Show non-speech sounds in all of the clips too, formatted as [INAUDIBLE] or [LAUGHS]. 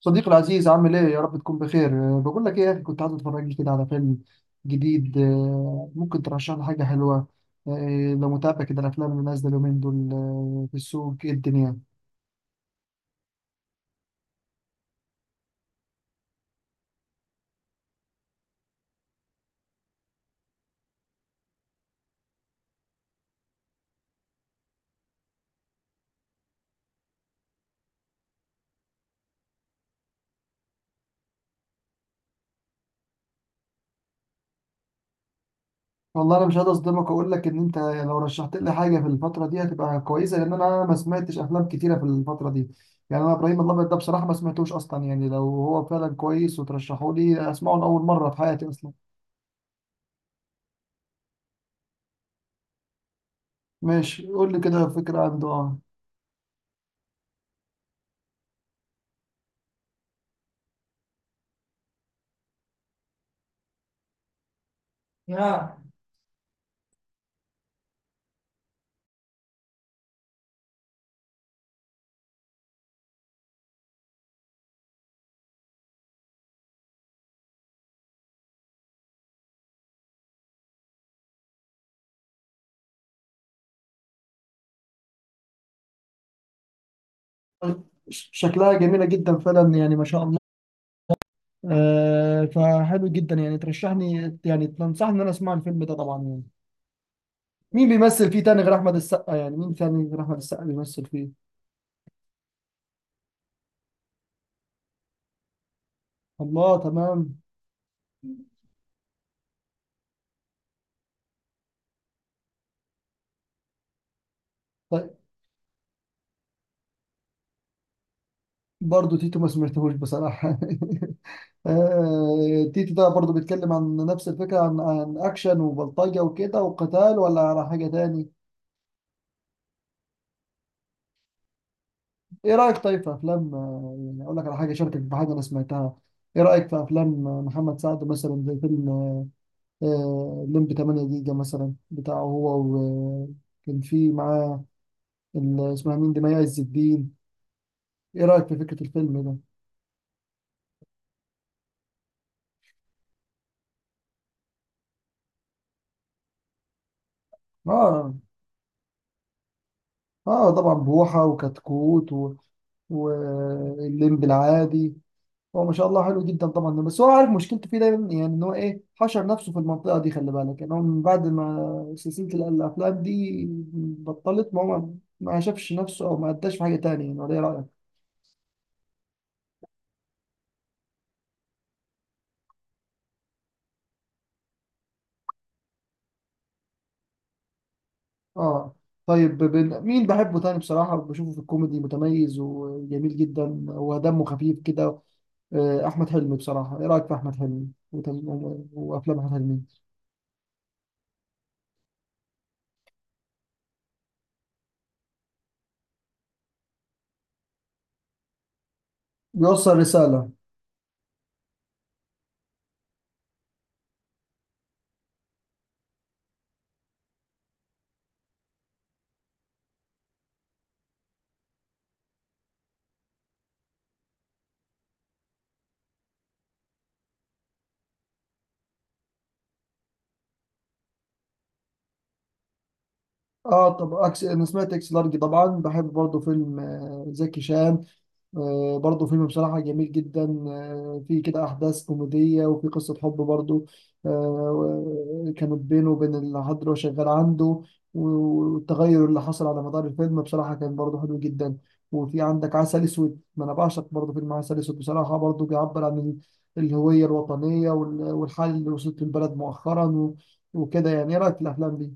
صديقي العزيز، عامل ايه؟ يا رب تكون بخير. بقول لك ايه يا اخي، كنت عايز اتفرج لي كده على فيلم جديد. ممكن ترشح لي حاجه حلوه؟ لو متابع كده الافلام اللي نازله اليومين دول. في السوق ايه الدنيا؟ والله انا مش هقدر اصدمك واقول لك ان انت لو رشحت لي حاجه في الفتره دي هتبقى كويسه، لان انا ما سمعتش افلام كتيره في الفتره دي. يعني انا ابراهيم الابيض ده بصراحه ما سمعتوش اصلا، يعني لو هو فعلا كويس وترشحوا لي اسمعه لاول مره في حياتي اصلا. ماشي قول لي كده فكره عنده. اه، شكلها جميلة جدا فعلا يعني ما شاء الله. فحلو جدا يعني، ترشحني يعني تنصحني ان انا اسمع الفيلم ده طبعا يعني. مين بيمثل فيه تاني غير احمد السقا؟ يعني مين تاني غير احمد السقا بيمثل فيه؟ الله، تمام. طيب برضه تيتو ما سمعتهوش بصراحة. [LAUGHS] تيتو ده برضه بيتكلم عن نفس الفكرة، عن اكشن وبلطجة وكده وقتال، ولا على حاجة تاني؟ ايه رأيك طيب في افلام؟ يعني اقول لك على حاجة، شاركك بحاجة انا سمعتها. ايه رأيك في افلام محمد سعد مثلا، زي فيلم ليم ب 8 جيجا مثلا بتاعه، هو وكان في معاه اسمها مين دي، مي عز الدين. ايه رأيك في فكرة الفيلم ده؟ اه، اه طبعا، بوحة وكتكوت والليمب العادي. هو ما شاء الله حلو جدا طبعا، بس هو عارف مشكلته فيه دايما يعني، ان هو ايه حشر نفسه في المنطقة دي. خلي بالك يعني، هو من بعد ما سلسلة الافلام دي بطلت، ما هو ما شافش نفسه او ما اداش في حاجة تانية يعني، ولا ايه رأيك؟ اه، طيب مين بحبه تاني بصراحة؟ بشوفه في الكوميدي متميز وجميل جدا، ودمه خفيف كده. أحمد حلمي بصراحة، إيه رأيك في أحمد حلمي وأفلام أحمد حلمي؟ بيوصل رسالة. اه، طب أنا سمعت إكس لارج طبعا. بحب برضه فيلم زكي شان. برضه فيلم بصراحة جميل جدا. فيه كده أحداث كوميدية، وفي قصة حب برضه. كانت بينه وبين العذراء وشغال عنده. والتغير اللي حصل على مدار الفيلم بصراحة كان برضه حلو جدا. وفي عندك عسل أسود، ما أنا بعشق برضه فيلم عسل أسود بصراحة، برضه بيعبر عن الهوية الوطنية والحال اللي وصلت البلد مؤخرا وكده يعني. إيه رأيك في الأفلام دي؟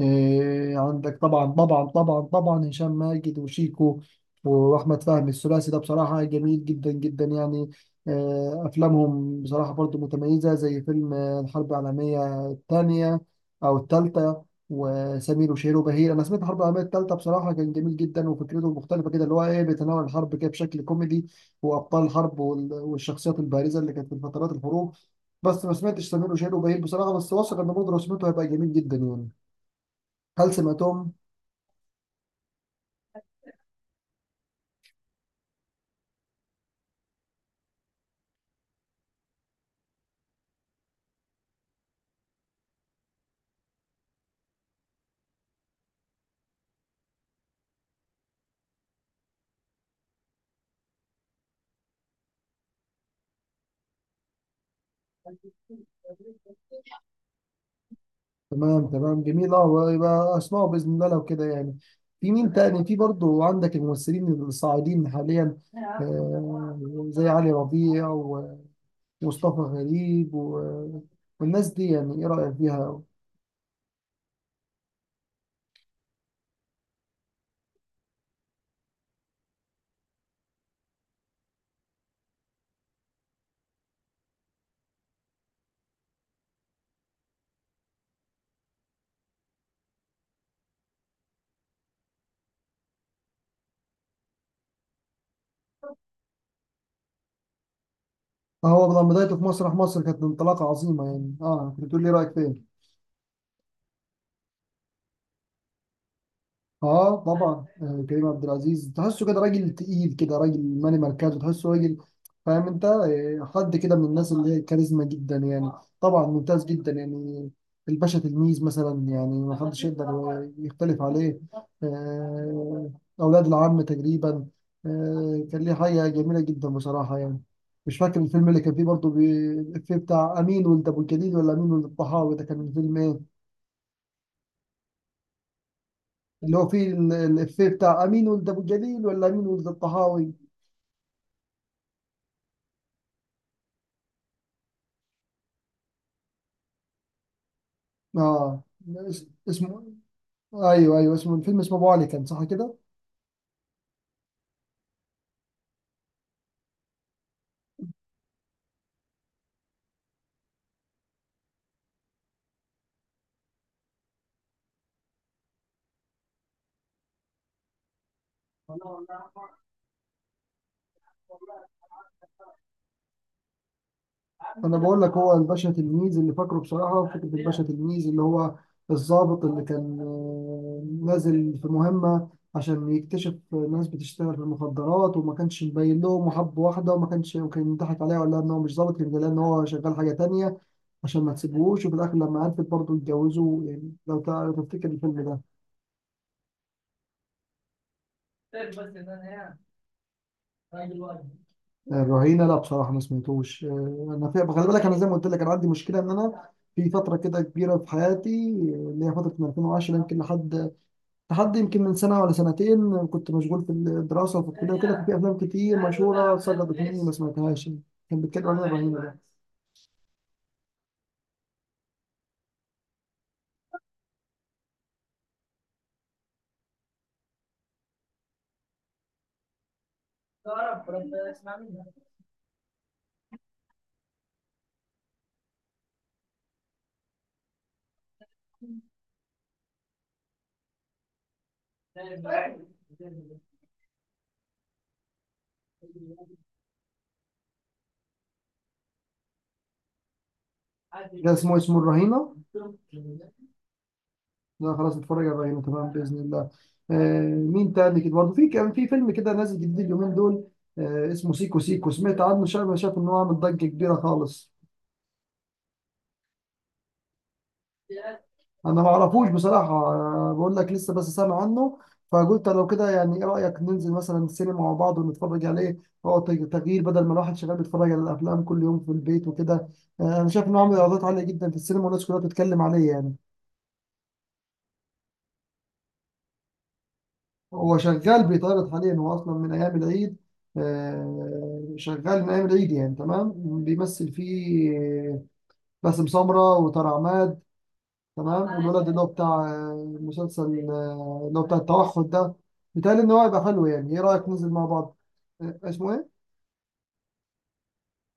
إيه، عندك طبعا طبعا طبعا طبعا هشام ماجد وشيكو واحمد فهمي، الثلاثي ده بصراحه جميل جدا جدا يعني. افلامهم بصراحه برضو متميزه، زي فيلم الحرب العالميه الثانيه او الثالثه، وسمير وشهير وبهير. انا سمعت الحرب العالميه الثالثه بصراحه كان جميل جدا، وفكرته مختلفه كده، اللي هو ايه، بيتناول الحرب كده بشكل كوميدي، وابطال الحرب والشخصيات البارزه اللي كانت في فترات الحروب. بس ما سمعتش سمير وشهير وبهير بصراحه، بس واثق ان برضه لو سمعته هيبقى جميل جدا يعني. هل سمعتهم؟ تمام تمام جميل. اه، يبقى اسمعوا باذن الله لو كده يعني. في مين تاني؟ في برضو عندك الممثلين الصاعدين حاليا، آه زي علي ربيع ومصطفى غريب والناس دي يعني. ايه رايك فيها؟ هو لما بدايته في مسرح مصر كانت انطلاقه عظيمه يعني. اه كنت بتقول لي إيه رايك فيها. اه، طبعا، كريم عبد العزيز تحسه كده راجل تقيل، كده راجل مالي مركزه، تحسه راجل فاهم انت. حد كده من الناس اللي هي كاريزما جدا يعني. طبعا ممتاز جدا يعني. الباشا تلميذ مثلا، يعني ما حدش يقدر يختلف عليه. آه، اولاد العم تقريبا، كان ليه حاجه جميله جدا بصراحه يعني. مش فاكر الفيلم اللي كان فيه برضه، الإفيه بتاع امين ولد ابو الجليل ولا امين ولد الطحاوي، ده كان الفيلم إيه؟ اللي هو فيه الإفيه بتاع أمين ولد أبو جليل ولا أمين ولد الطهاوي. آه اسمه إيه؟ أيوه أيوه، اسمه الفيلم، اسمه أبو علي، كان صح كده؟ أنا بقول لك، هو الباشا تلميذ اللي فاكره بصراحة، فكرة الباشا تلميذ اللي هو الضابط اللي كان نازل في مهمة عشان يكتشف ناس بتشتغل في المخدرات، وما كانش مبين لهم، وحب واحدة وما كانش، وكان يضحك عليها ولا إن هو مش ضابط، كان قال إن هو شغال حاجة تانية عشان ما تسيبوهوش، وفي الآخر لما عرفت برضه اتجوزوا يعني. لو لو تفتكر الفيلم ده. الرهينه، لا بصراحه ما سمعتوش. انا في، خلي بالك، انا زي ما قلت لك انا عندي مشكله، ان انا في فتره كده كبيره في حياتي، اللي هي فتره من 2010 يمكن لحد يمكن من سنه ولا سنتين، كنت مشغول في الدراسه وفي الكليه وكده، ففي افلام كتير مشهوره سقطت مني ما سمعتهاش. كان بيتكلم عن إيه الرهينه ده؟ ده اسمه الرهينه؟ لا خلاص اتفرج على الرهينه تمام باذن الله. مين تاني كده برضه؟ في كان في فيلم كده نازل جديد اليومين دول، اسمه سيكو سيكو، سمعت عنه؟ شايف شايف ان هو عامل ضجه كبيره خالص. انا ما اعرفوش بصراحه، أنا بقول لك لسه بس سامع عنه، فقلت لو كده يعني، ايه رايك ننزل مثلا السينما مع بعض ونتفرج عليه؟ هو تغيير، بدل ما الواحد شغال بيتفرج على الافلام كل يوم في البيت وكده. انا شايف انه عامل ايرادات عاليه جدا في السينما، والناس كلها بتتكلم عليه يعني. هو شغال بيتعرض حاليا، هو اصلا من ايام العيد، شغال من ايام العيد يعني، تمام. بيمثل فيه باسم سمره وطارق عماد، تمام، والولد اللي هو بتاع مسلسل اللي هو بتاع التوحد ده. بيتهيألي إن هو هيبقى حلو يعني. إيه رأيك ننزل مع بعض؟ آه، اسمه إيه؟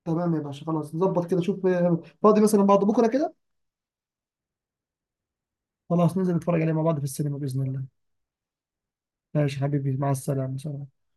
تمام يا باشا، خلاص نظبط كده. شوف فاضي مثلا بعد بكرة كده. خلاص ننزل نتفرج عليه مع بعض في السينما بإذن الله. ماشي حبيبي، مع السلامة، سلام.